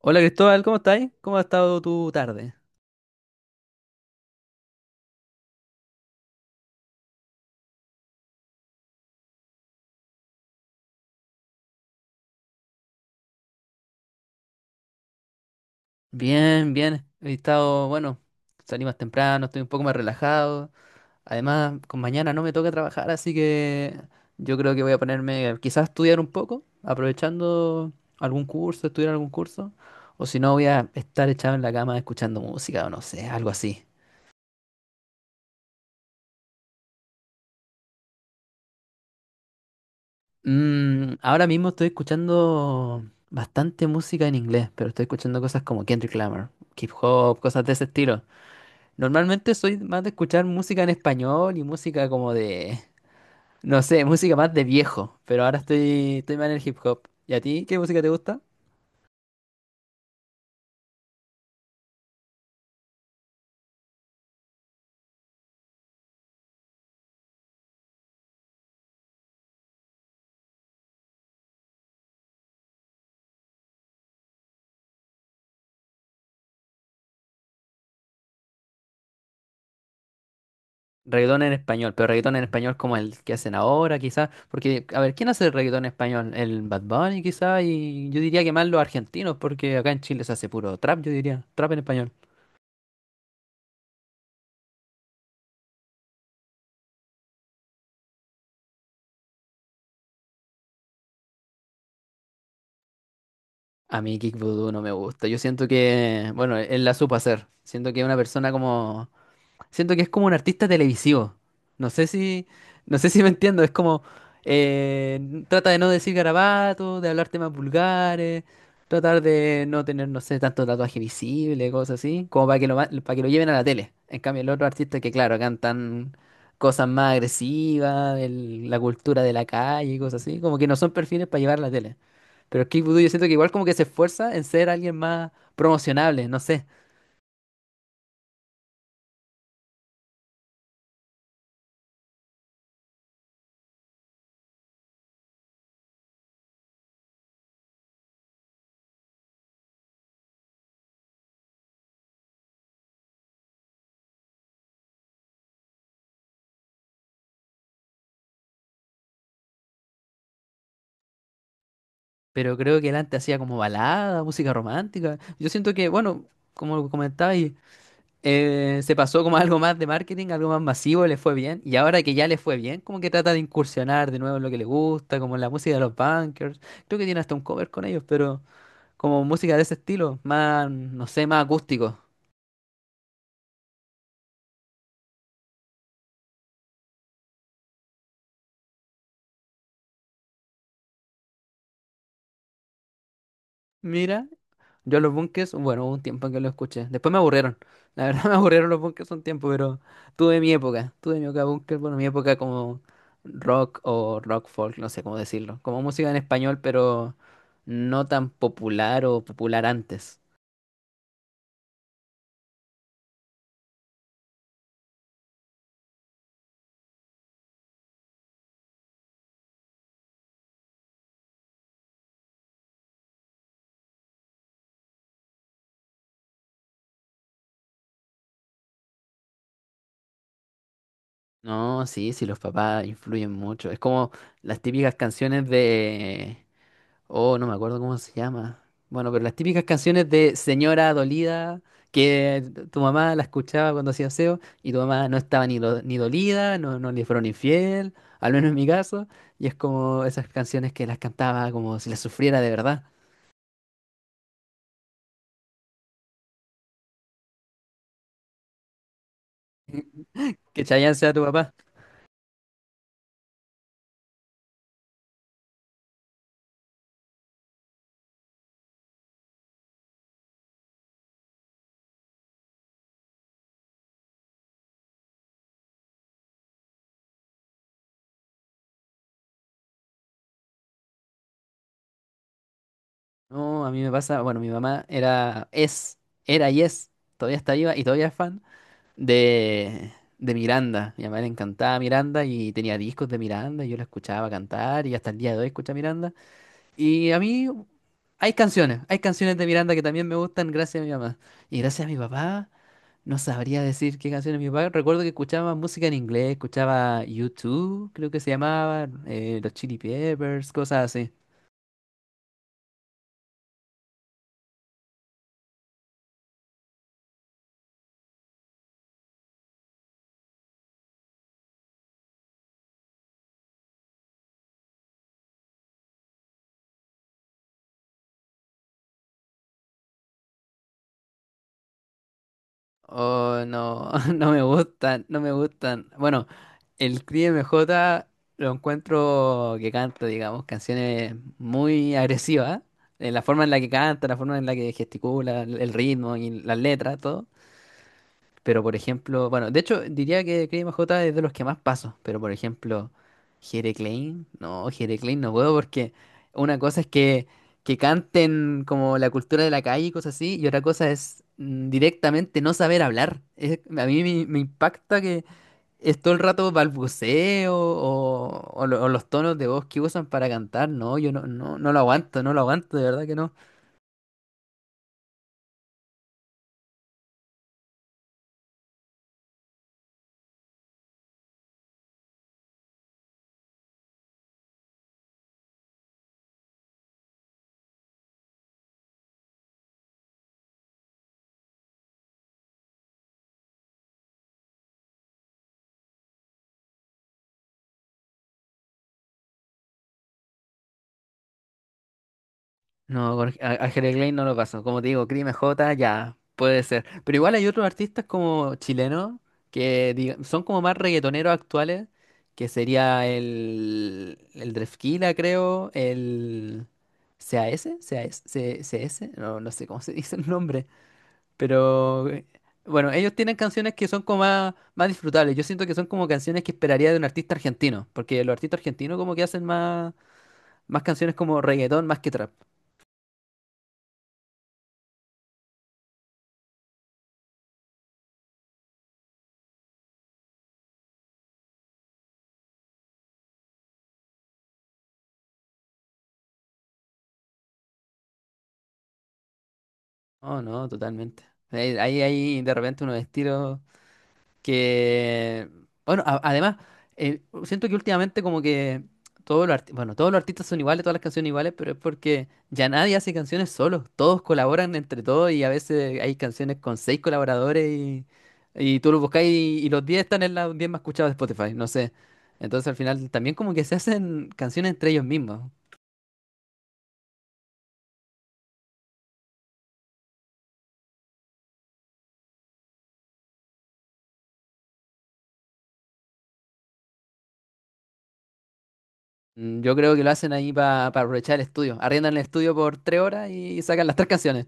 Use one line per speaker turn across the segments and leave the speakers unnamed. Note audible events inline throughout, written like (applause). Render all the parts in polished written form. Hola Cristóbal, ¿cómo estáis? ¿Cómo ha estado tu tarde? Bien, bien. He estado, bueno, salí más temprano, estoy un poco más relajado. Además, con mañana no me toca trabajar, así que yo creo que voy a ponerme quizás a estudiar un poco, aprovechando algún curso, estudiar algún curso. O si no, voy a estar echado en la cama escuchando música o no sé, algo así. Ahora mismo estoy escuchando bastante música en inglés, pero estoy escuchando cosas como Kendrick Lamar, hip hop, cosas de ese estilo. Normalmente soy más de escuchar música en español y música como de, no sé, música más de viejo, pero ahora estoy más en el hip hop. ¿Y a ti qué música te gusta? Reggaetón en español, pero reggaetón en español como el que hacen ahora, quizás. Porque, a ver, ¿quién hace reggaetón en español? El Bad Bunny, quizás, y yo diría que más los argentinos, porque acá en Chile se hace puro trap, yo diría, trap en español. A mí Kick Voodoo no me gusta. Yo siento que, bueno, él la supo hacer. Siento que es una persona como siento que es como un artista televisivo. No sé si, no sé si me entiendo. Es como, trata de no decir garabatos, de hablar temas vulgares, tratar de no tener, no sé, tanto tatuaje visible, cosas así, como para que lo, para que lo lleven a la tele. En cambio, el otro artista que, claro, cantan cosas más agresivas, la cultura de la calle y cosas así, como que no son perfiles para llevar a la tele. Pero Kick Voodoo yo siento que igual como que se esfuerza en ser alguien más promocionable, no sé. Pero creo que él antes hacía como balada, música romántica. Yo siento que, bueno, como comentabais, se pasó como (laughs) a algo más de marketing, algo más masivo, le fue bien. Y ahora que ya le fue bien, como que trata de incursionar de nuevo en lo que le gusta, como en la música de los Bunkers. Creo que tiene hasta un cover con ellos, pero como música de ese estilo, más, no sé, más acústico. Mira. Yo los bunkers, bueno, hubo un tiempo en que los escuché. Después me aburrieron. La verdad (laughs) me aburrieron los bunkers un tiempo, pero tuve mi época. Tuve mi época bunker, bueno, mi época como rock o rock folk, no sé cómo decirlo. Como música en español, pero no tan popular o popular antes. No, sí, sí, los papás influyen mucho. Es como las típicas canciones de oh, no me acuerdo cómo se llama. Bueno, pero las típicas canciones de señora dolida, que tu mamá la escuchaba cuando hacía aseo y tu mamá no estaba ni, ni dolida, no, no le fueron infiel, al menos en mi caso. Y es como esas canciones que las cantaba como si las sufriera de verdad. Que Chayanne sea tu papá. No, a mí me pasa, bueno, mi mamá era y es, todavía está viva y todavía es fan de, de Miranda. Mi mamá le encantaba Miranda y tenía discos de Miranda y yo la escuchaba cantar y hasta el día de hoy escucha Miranda. Y a mí hay canciones de Miranda que también me gustan gracias a mi mamá. Y gracias a mi papá, no sabría decir qué canciones mi papá. Recuerdo que escuchaba música en inglés, escuchaba U2, creo que se llamaba, los Chili Peppers, cosas así. Oh, no, (laughs) no me gustan, no me gustan. Bueno, el Cri M J lo encuentro que canta, digamos, canciones muy agresivas. La forma en la que canta, la forma en la que gesticula, el ritmo y las letras, todo. Pero por ejemplo, bueno, de hecho diría que Cream J es de los que más paso, pero por ejemplo, Jere Klein no puedo porque una cosa es que canten como la cultura de la calle y cosas así, y otra cosa es directamente no saber hablar. A mí me impacta que es todo el rato balbuceo o, o los tonos de voz que usan para cantar, no, yo no, no, no lo aguanto, no lo aguanto, de verdad que no. No, Ángel Klein no lo pasó. Como te digo, Crime J, ya, puede ser. Pero igual hay otros artistas como chilenos que son como más reggaetoneros actuales, que sería el Drefquila, creo, el C A S, A S, CS, no, no sé cómo se (laughs) dice el nombre. Pero bueno, ellos tienen canciones que son como más, más disfrutables. Yo siento que son como canciones que esperaría de un artista argentino, porque los artistas argentinos como que hacen más, más canciones como reggaetón más que trap. No, no, totalmente. Ahí hay de repente unos estilos que, bueno, además, siento que últimamente como que todos los bueno, todos los artistas son iguales, todas las canciones iguales, pero es porque ya nadie hace canciones solo, todos colaboran entre todos y a veces hay canciones con seis colaboradores y tú los buscas y los diez están en los diez más escuchados de Spotify, no sé. Entonces al final también como que se hacen canciones entre ellos mismos. Yo creo que lo hacen ahí para aprovechar el estudio. Arriendan el estudio por tres horas y sacan las tres canciones.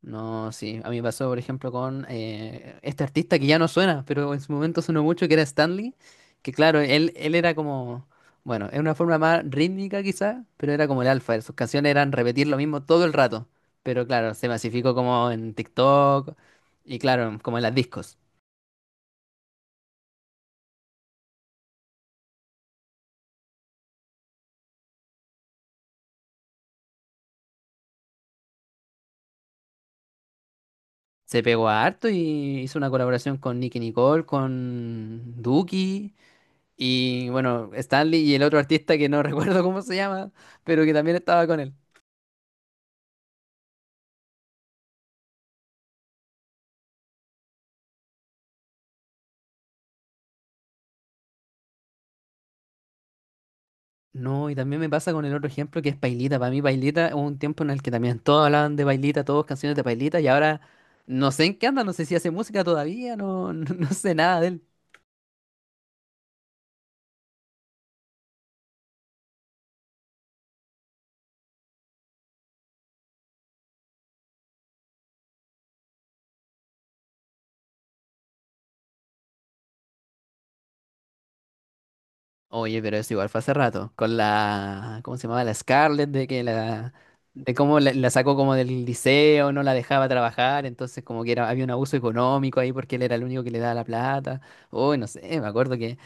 No, sí. A mí me pasó, por ejemplo, con este artista que ya no suena, pero en su momento sonó mucho, que era Stanley. Que claro, él era como, bueno, en una forma más rítmica quizá, pero era como el alfa. Sus canciones eran repetir lo mismo todo el rato. Pero claro, se masificó como en TikTok y claro, como en las discos. Se pegó a harto y hizo una colaboración con Nicki Nicole, con Duki. Y bueno, Stanley y el otro artista que no (laughs) recuerdo cómo se llama, pero que también estaba con él. No, y también me pasa con el otro ejemplo que es Pailita. Para mí, Pailita hubo un tiempo en el que también todos hablaban de Pailita, todos canciones de Pailita, y ahora no sé en qué anda, no sé si hace música todavía, no, (laughs) no, no sé nada de él. Oye, pero eso igual fue hace rato, con la, ¿cómo se llamaba? La Scarlett, de que la, de cómo la, la sacó como del liceo, no la dejaba trabajar, entonces como que era, había un abuso económico ahí porque él era el único que le daba la plata. Uy, no sé, me acuerdo que,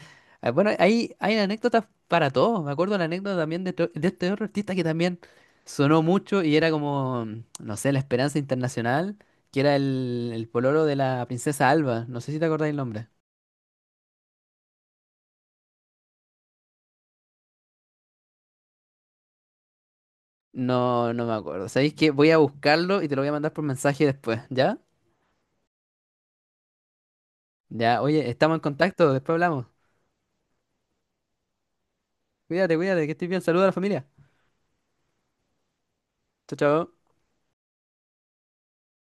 ah, bueno, hay anécdotas para todo, me acuerdo la anécdota también de, de este otro artista que también sonó mucho y era como, no sé, la Esperanza Internacional, que era el pololo de la princesa Alba, no sé si te acordáis el nombre. No, no me acuerdo. ¿Sabéis qué? Voy a buscarlo y te lo voy a mandar por mensaje después, ¿ya? Ya, oye, estamos en contacto, después hablamos. Cuídate, cuídate, que estés bien. Saluda a la familia. Chao, chao.